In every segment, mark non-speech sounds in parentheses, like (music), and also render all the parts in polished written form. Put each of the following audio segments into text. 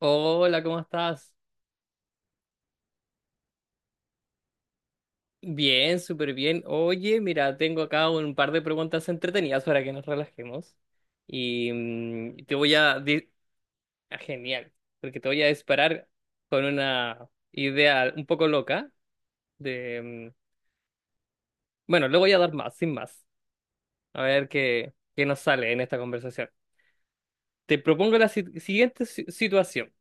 Hola, ¿cómo estás? Bien, súper bien. Oye, mira, tengo acá un par de preguntas entretenidas para que nos relajemos. Te voy a... ah, genial, porque te voy a disparar con una idea un poco loca de... mm, Bueno, le voy a dar más, sin más. A ver qué nos sale en esta conversación. Te propongo la siguiente situación.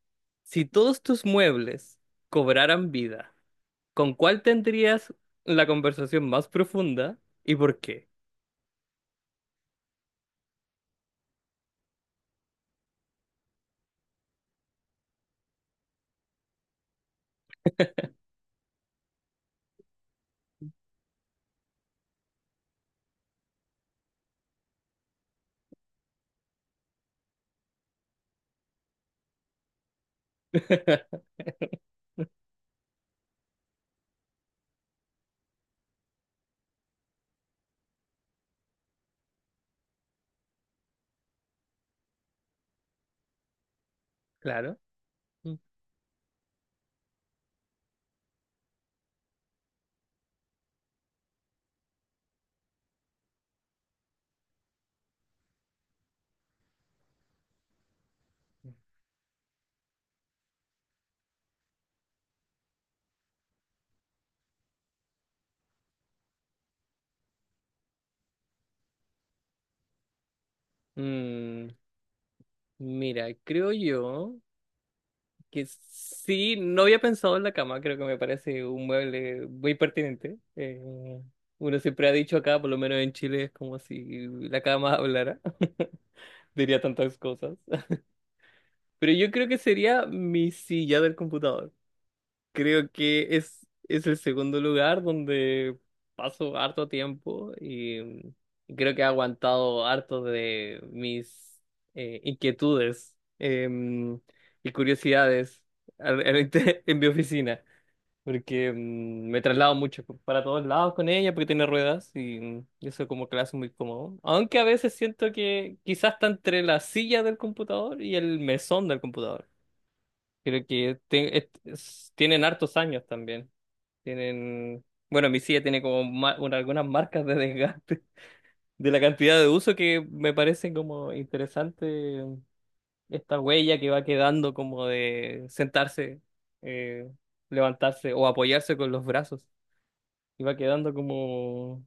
Si todos tus muebles cobraran vida, ¿con cuál tendrías la conversación más profunda y por qué? (laughs) Claro. Mm, mira, creo yo que sí, no había pensado en la cama, creo que me parece un mueble muy pertinente. Uno siempre ha dicho acá, por lo menos en Chile, es como si la cama hablara, (laughs) diría tantas cosas. Pero yo creo que sería mi silla del computador. Creo que es el segundo lugar donde paso harto tiempo y creo que he aguantado harto de mis inquietudes y curiosidades (laughs) en mi oficina, porque me traslado mucho para todos lados con ella porque tiene ruedas y eso como que la hace muy cómodo. Aunque a veces siento que quizás está entre la silla del computador y el mesón del computador. Creo que tienen hartos años también. Tienen, bueno, mi silla tiene como algunas marcas de desgaste (laughs) de la cantidad de uso que me parece como interesante esta huella que va quedando como de sentarse, eh, levantarse o apoyarse con los brazos. Y va quedando como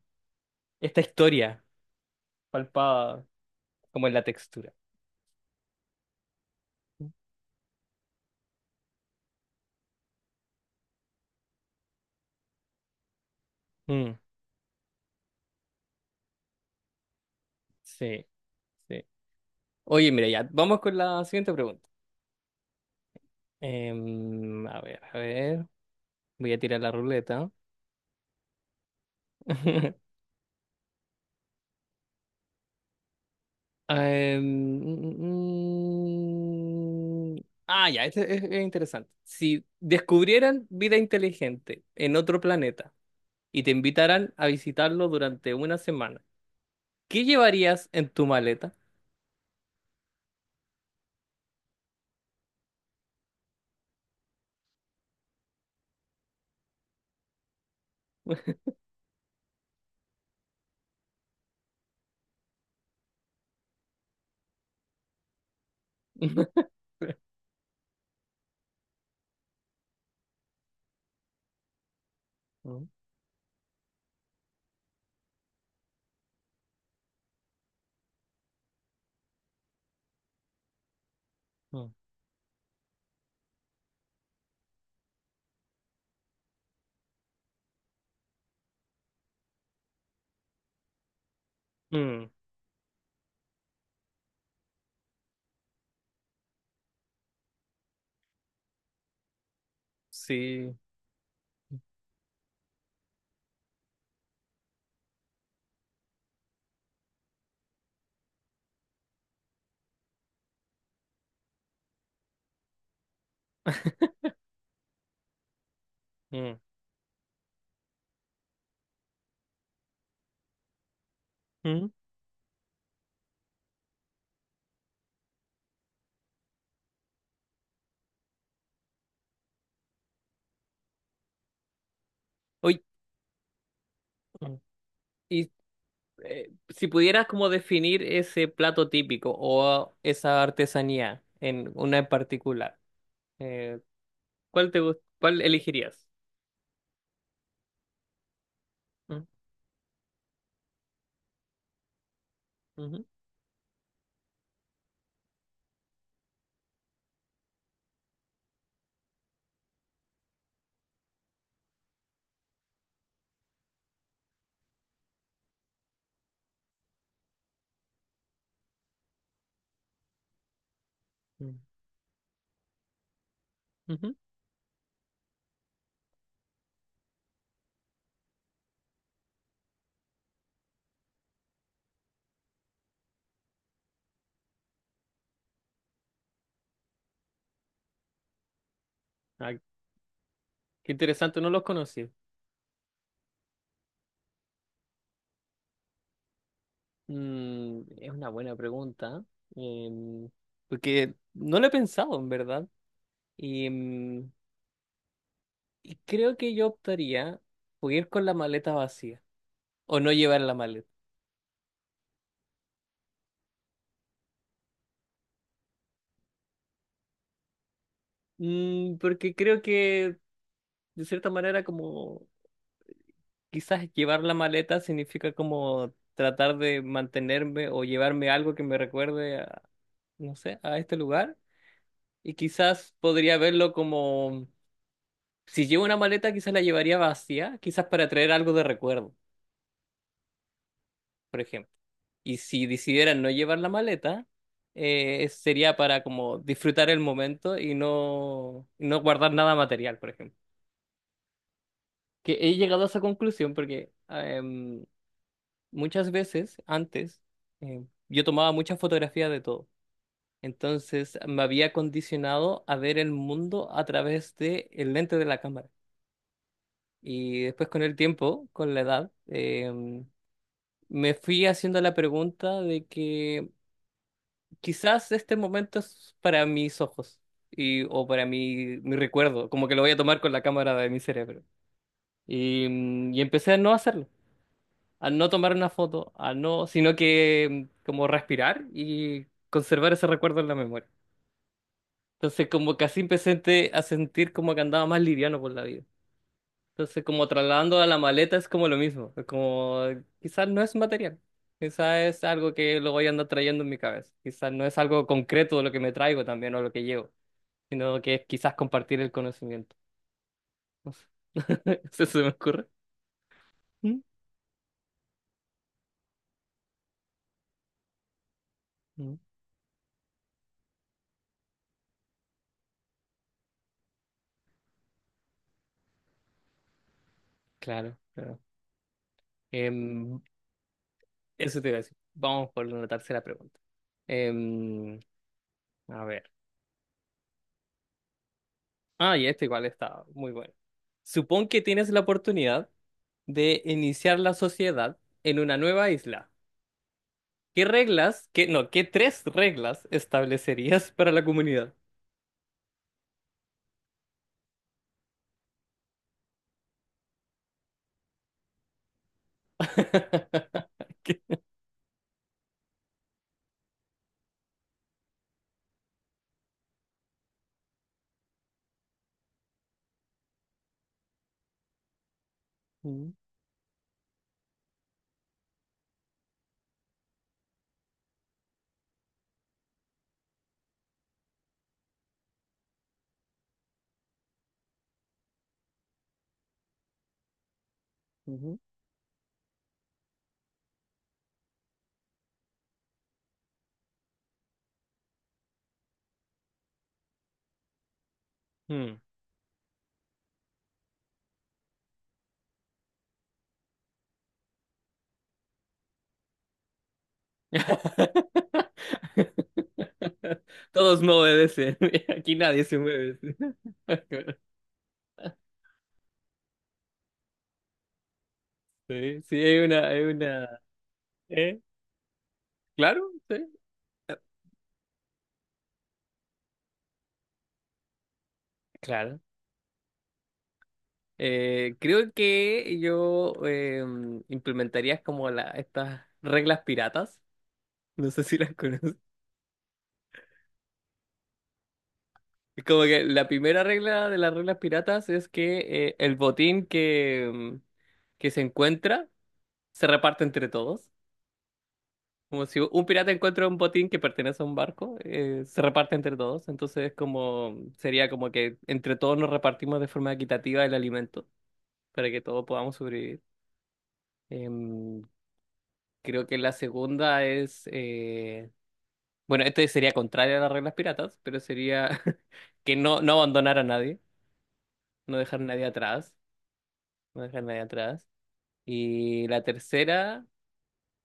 esta historia palpada como en la textura. Mm, sí, sí. Oye, mira, ya, vamos con la siguiente pregunta. A ver, a ver. Voy a tirar la ruleta. (laughs) Em, mm, mm, mm. Ah, ya, es interesante. Si descubrieran vida inteligente en otro planeta y te invitaran a visitarlo durante una semana, ¿qué llevarías en tu maleta? (laughs) Mm, mm. Mm, sí. mm, mm. Oye, mm. y si pudieras como definir ese plato típico o esa artesanía en una en particular, eh, ¿cuál te cuál elegirías? Mm, ujú, mm, ujú. Ah, qué interesante, no los conocí. Es una buena pregunta, em, porque no lo he pensado en verdad. Y, mm, y creo que yo optaría por ir con la maleta vacía o no llevar la maleta. Porque creo que de cierta manera como quizás llevar la maleta significa como tratar de mantenerme o llevarme algo que me recuerde a, no sé, a este lugar. Y quizás podría verlo como, si llevo una maleta, quizás la llevaría vacía, quizás para traer algo de recuerdo, por ejemplo. Y si decidiera no llevar la maleta, sería para como disfrutar el momento y no, no guardar nada material, por ejemplo. Que he llegado a esa conclusión porque muchas veces antes yo tomaba muchas fotografías de todo. Entonces me había condicionado a ver el mundo a través de el lente de la cámara. Y después con el tiempo, con la edad, me fui haciendo la pregunta de que quizás este momento es para mis ojos y, o para mi recuerdo, como que lo voy a tomar con la cámara de mi cerebro. Y empecé a no hacerlo, a no tomar una foto, a no, sino que como respirar y conservar ese recuerdo en la memoria. Entonces como que así empecé a sentir como que andaba más liviano por la vida. Entonces, como trasladando a la maleta es como lo mismo, es como quizás no es material, quizás es algo que lo voy a andar trayendo en mi cabeza, quizás no es algo concreto lo que me traigo también o lo que llevo, sino que es quizás compartir el conocimiento. No sé. (laughs) Eso se me ocurre. ¿Mm? Mm. Claro, claro. Em, eso te iba a decir. Vamos por una tercera pregunta. Em, a ver. Ah, y esta igual está muy buena. Supón que tienes la oportunidad de iniciar la sociedad en una nueva isla. ¿Qué reglas, qué, no, qué tres reglas establecerías para la comunidad? (laughs) Mm, ujú. Mm. (laughs) Todos me obedecen. (laughs) Aquí nadie se mueve. (laughs) Sí, sí, hay hay una. ¿Eh? Claro, sí, claro. Creo que yo implementaría como estas reglas piratas. No sé si las conoces. Es como que la primera regla de las reglas piratas es que el botín que se encuentra se reparte entre todos. Como si un pirata encuentra un botín que pertenece a un barco, se reparte entre todos. Entonces es como sería como que entre todos nos repartimos de forma equitativa el alimento para que todos podamos sobrevivir. Em, creo que la segunda es, bueno, este sería contrario a las reglas piratas, pero sería (laughs) que no, no abandonar a nadie, no dejar a nadie atrás. Voy a dejarla ahí atrás. Y la tercera,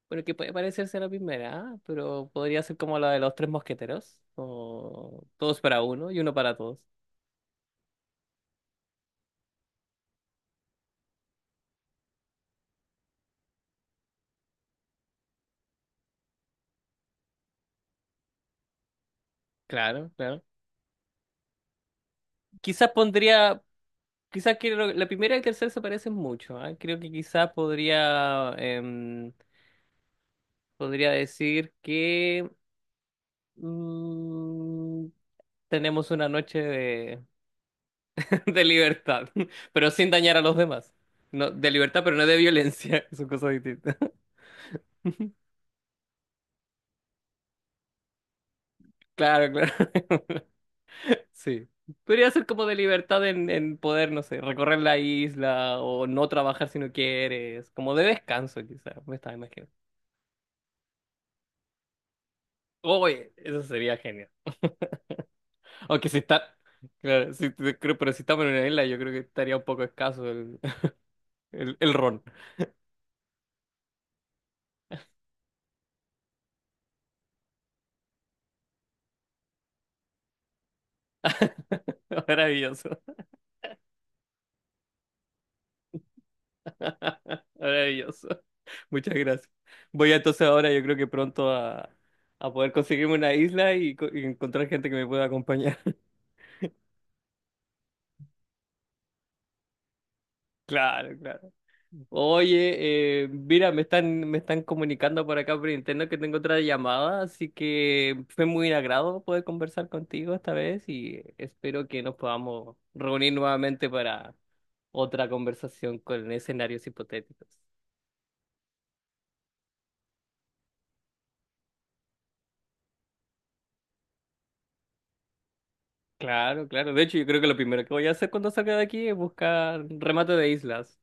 bueno, que puede parecerse a la primera, ¿ah? Pero podría ser como la de los tres mosqueteros, o todos para uno y uno para todos. Claro, claro. Quizás pondría, quizás que la primera y la tercera se parecen mucho, ¿ah? Creo que quizás podría, podría decir que mm, tenemos una noche de, (laughs) de libertad, (laughs) pero sin dañar a los demás. No, de libertad, pero no de violencia, (laughs) son cosas distintas. (laughs) Claro, claro. (laughs) Sí. Podría ser como de libertad en poder, no sé, recorrer la isla o no trabajar si no quieres, como de descanso quizás, me estaba imaginando. Oye, eso sería genial. Aunque si está, claro, si, creo- pero si estamos en una isla, yo creo que estaría un poco escaso (laughs) el ron. (laughs) Maravilloso. (laughs) Maravilloso. Muchas gracias. Voy entonces ahora, yo creo que pronto a poder conseguirme una isla y, y encontrar gente que me pueda acompañar. (laughs) Claro, claro. Oye, mira, me están comunicando por acá por interno que tengo otra llamada, así que fue muy un agrado poder conversar contigo esta vez y espero que nos podamos reunir nuevamente para otra conversación con escenarios hipotéticos. Claro, claro. De hecho, yo creo que lo primero que voy a hacer cuando salga de aquí es buscar remate de islas.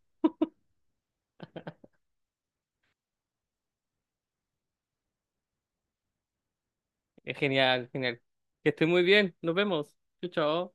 Es genial, genial. Que esté muy bien. Nos vemos. Chao, chao.